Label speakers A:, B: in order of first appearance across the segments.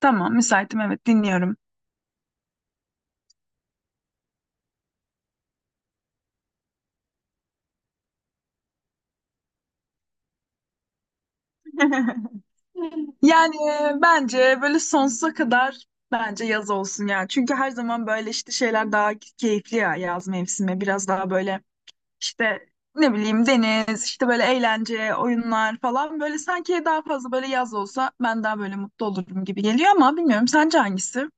A: Tamam, müsaitim, evet, dinliyorum. Yani, bence böyle sonsuza kadar bence yaz olsun ya. Çünkü her zaman böyle işte şeyler daha keyifli ya, yaz mevsimi. Biraz daha böyle işte ne bileyim deniz, işte böyle eğlence, oyunlar falan. Böyle sanki daha fazla böyle yaz olsa ben daha böyle mutlu olurum gibi geliyor ama bilmiyorum, sence hangisi?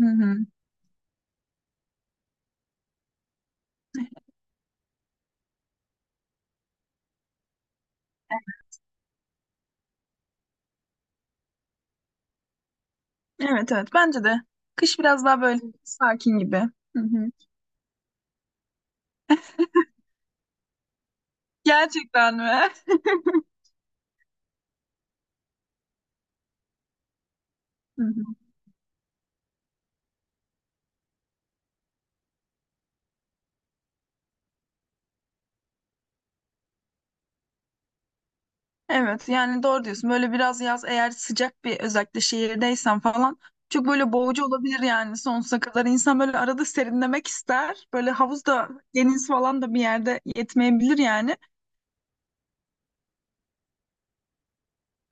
A: Hı hı. Evet evet, bence de. Kış biraz daha böyle sakin gibi. Hı hı. Gerçekten mi? Hı hı. Evet, yani doğru diyorsun. Böyle biraz yaz eğer sıcak, bir özellikle şehirdeysen falan çok böyle boğucu olabilir yani sonsuza kadar. İnsan böyle arada serinlemek ister. Böyle havuz da deniz falan da bir yerde yetmeyebilir yani.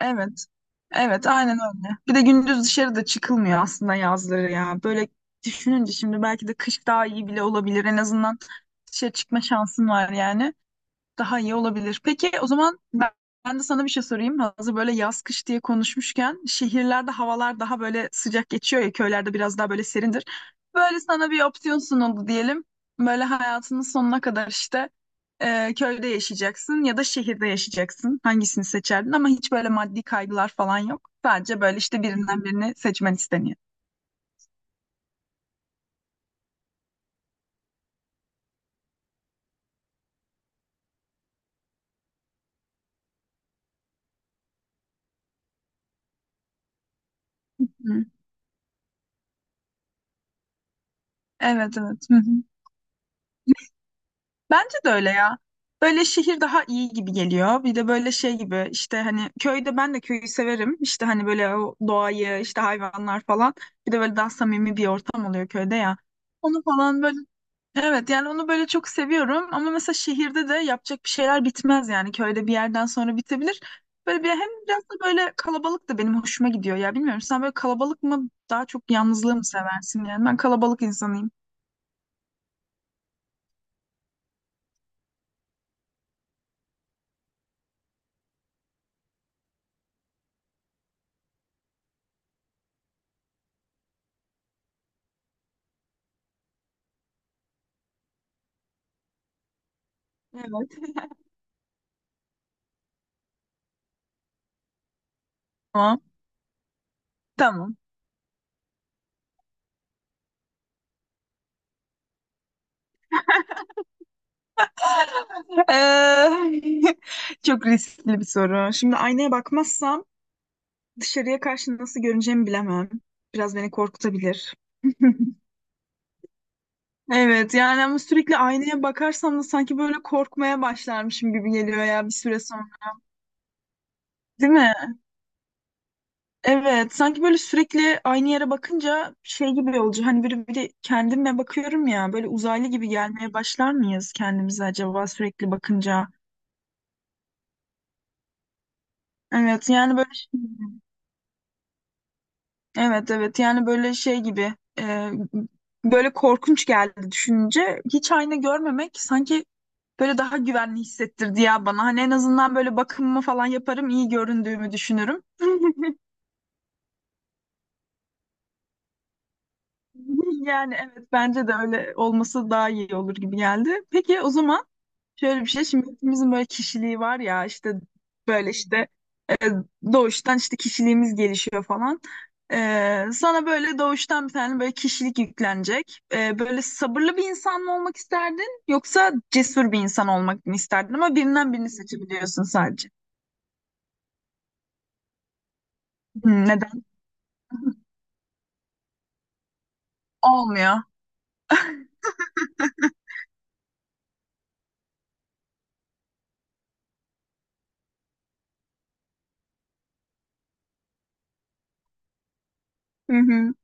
A: Evet. Evet aynen öyle. Bir de gündüz dışarıda çıkılmıyor aslında yazları ya. Böyle düşününce şimdi belki de kış daha iyi bile olabilir. En azından dışarı çıkma şansın var yani. Daha iyi olabilir. Peki o zaman ben, ben de sana bir şey sorayım. Hazır böyle yaz kış diye konuşmuşken şehirlerde havalar daha böyle sıcak geçiyor ya, köylerde biraz daha böyle serindir. Böyle sana bir opsiyon sunuldu diyelim. Böyle hayatının sonuna kadar işte köyde yaşayacaksın ya da şehirde yaşayacaksın. Hangisini seçerdin ama hiç böyle maddi kaygılar falan yok. Sadece böyle işte birinden birini seçmen isteniyor. Hı. Evet evet. Hı hı. Bence de öyle ya. Böyle şehir daha iyi gibi geliyor. Bir de böyle şey gibi işte hani köyde, ben de köyü severim. İşte hani böyle o doğayı işte, hayvanlar falan. Bir de böyle daha samimi bir ortam oluyor köyde ya. Onu falan böyle evet yani onu böyle çok seviyorum. Ama mesela şehirde de yapacak bir şeyler bitmez yani. Köyde bir yerden sonra bitebilir. Böyle bir hem biraz da böyle kalabalık da benim hoşuma gidiyor ya. Bilmiyorum sen böyle kalabalık mı daha çok, yalnızlığı mı seversin yani. Ben kalabalık insanıyım. Evet. Tamam. Tamam. Eee, çok riskli bir soru. Şimdi aynaya bakmazsam dışarıya karşı nasıl görüneceğimi bilemem. Biraz beni korkutabilir. Evet, yani ama sürekli aynaya bakarsam da sanki böyle korkmaya başlarmışım gibi geliyor ya bir süre sonra. Değil mi? Evet, sanki böyle sürekli aynı yere bakınca şey gibi olacak. Hani böyle bir kendime bakıyorum ya, böyle uzaylı gibi gelmeye başlar mıyız kendimize acaba sürekli bakınca? Evet yani böyle şey. Evet evet yani böyle şey gibi böyle korkunç geldi düşününce. Hiç ayna görmemek sanki böyle daha güvenli hissettirdi ya bana. Hani en azından böyle bakımımı falan yaparım, iyi göründüğümü düşünürüm. Yani evet, bence de öyle olması daha iyi olur gibi geldi. Peki o zaman şöyle bir şey, şimdi hepimizin böyle kişiliği var ya işte böyle işte E, doğuştan işte kişiliğimiz gelişiyor falan. E, sana böyle doğuştan bir tane böyle kişilik yüklenecek. Böyle sabırlı bir insan mı olmak isterdin yoksa cesur bir insan olmak mı isterdin? Ama birinden birini seçebiliyorsun sadece. Hmm, neden? Olmuyor. Hı hı.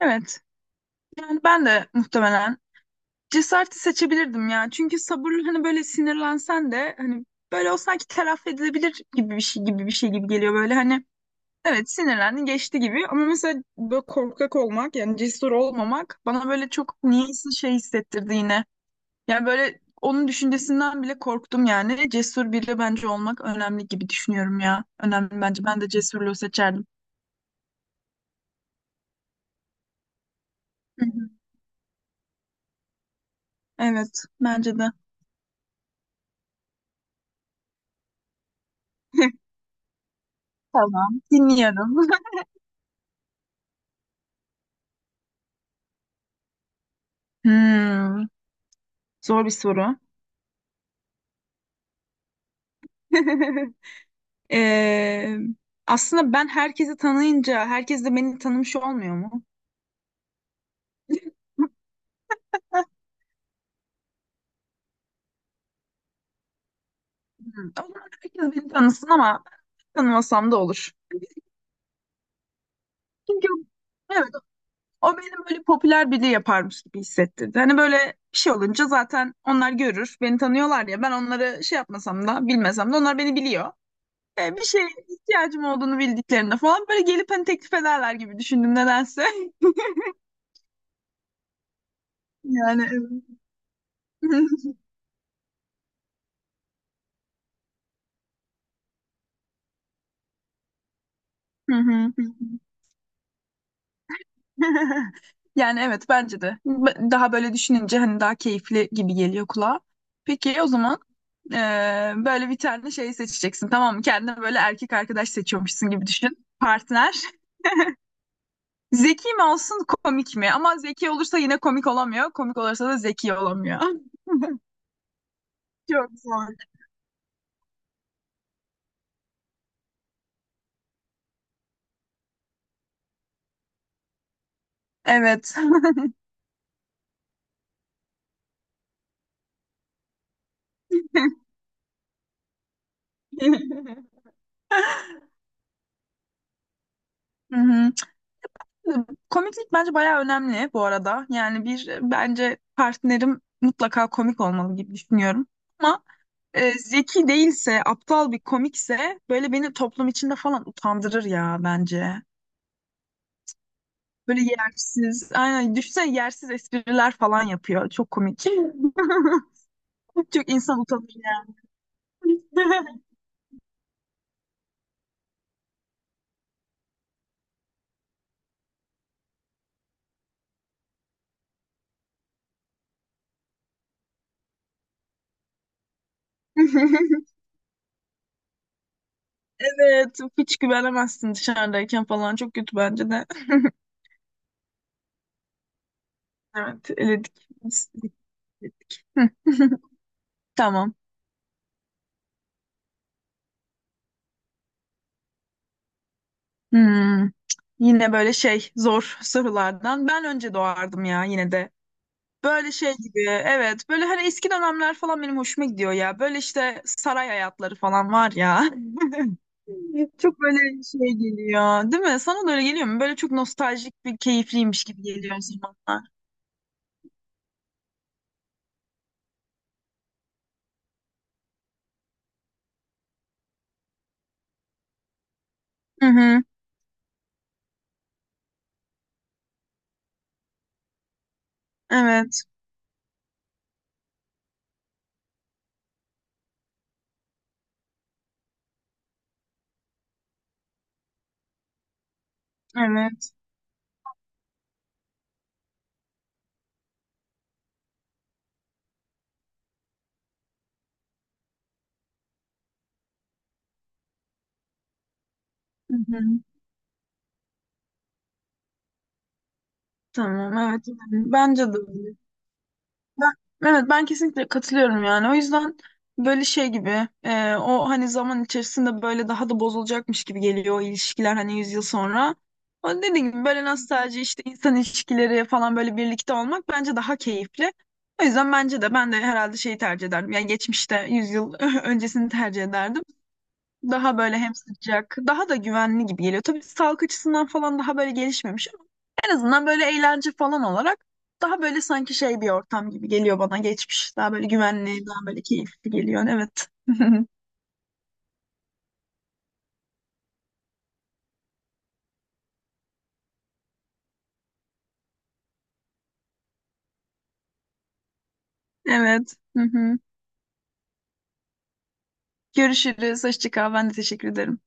A: Evet. Yani ben de muhtemelen cesareti seçebilirdim ya. Çünkü sabır hani böyle sinirlensen de hani böyle o sanki telafi edilebilir gibi bir şey gibi geliyor böyle hani. Evet sinirlendin geçti gibi, ama mesela böyle korkak olmak yani cesur olmamak bana böyle çok niyeyse şey hissettirdi yine. Yani böyle onun düşüncesinden bile korktum yani. Cesur biri bence olmak önemli gibi düşünüyorum ya. Önemli bence. Ben de cesurluğu seçerdim. Hı hı. Evet bence de. Tamam, dinliyorum. Hmm, zor bir soru. Ee, aslında ben herkesi tanıyınca herkes de beni tanımış olmuyor mu? Hmm. O zaman herkes beni tanısın ama tanımasam da olur. Çünkü evet, o benim böyle popüler biri yaparmış gibi hissettirdi. Hani böyle bir şey olunca zaten onlar görür. Beni tanıyorlar ya, ben onları şey yapmasam da, bilmesem de onlar beni biliyor. Bir şeye ihtiyacım olduğunu bildiklerinde falan böyle gelip hani teklif ederler gibi düşündüm nedense. Yani evet. Hı hı. Yani evet bence de. B- Daha böyle düşününce hani daha keyifli gibi geliyor kulağa. Peki o zaman böyle bir tane şey seçeceksin tamam mı? Kendine böyle erkek arkadaş seçiyormuşsun gibi düşün. Partner. Zeki mi olsun komik mi? Ama zeki olursa yine komik olamıyor. Komik olursa da zeki olamıyor. Çok zor. Evet. Hı hı. Komiklik bence bayağı önemli bu arada. Yani bir bence partnerim mutlaka komik olmalı gibi düşünüyorum. Ama zeki değilse, aptal bir komikse böyle beni toplum içinde falan utandırır ya bence. Böyle yersiz, aynen düşünsene yersiz espriler falan yapıyor. Çok komik. Çok insan utanır yani. Evet, hiç güvenemezsin dışarıdayken falan. Çok kötü bence de. Evet, eledik. Biz eledik. Hı. Tamam. Hmm. Yine böyle şey, zor sorulardan. Ben önce doğardım ya yine de. Böyle şey gibi evet, böyle hani eski dönemler falan benim hoşuma gidiyor ya. Böyle işte saray hayatları falan var ya. Çok böyle şey geliyor değil mi? Sana da öyle geliyor mu? Böyle çok nostaljik bir keyifliymiş gibi geliyor o zamanlar. Hı hı. Evet. Evet. Hı hı. Tamam evet, yani bence de öyle. Ben, evet ben kesinlikle katılıyorum yani. O yüzden böyle şey gibi o hani zaman içerisinde böyle daha da bozulacakmış gibi geliyor o ilişkiler, hani 100 yıl sonra. O dediğim gibi böyle nostalji işte insan ilişkileri falan böyle birlikte olmak bence daha keyifli. O yüzden bence de, ben de herhalde şeyi tercih ederdim. Yani geçmişte 100 yıl öncesini tercih ederdim. Daha böyle hem sıcak, daha da güvenli gibi geliyor. Tabii sağlık açısından falan daha böyle gelişmemiş, en azından böyle eğlence falan olarak daha böyle sanki şey bir ortam gibi geliyor bana geçmiş. Daha böyle güvenli, daha böyle keyifli geliyor. Evet. Evet. Hı hı. Görüşürüz. Hoşça kal. Ben de teşekkür ederim.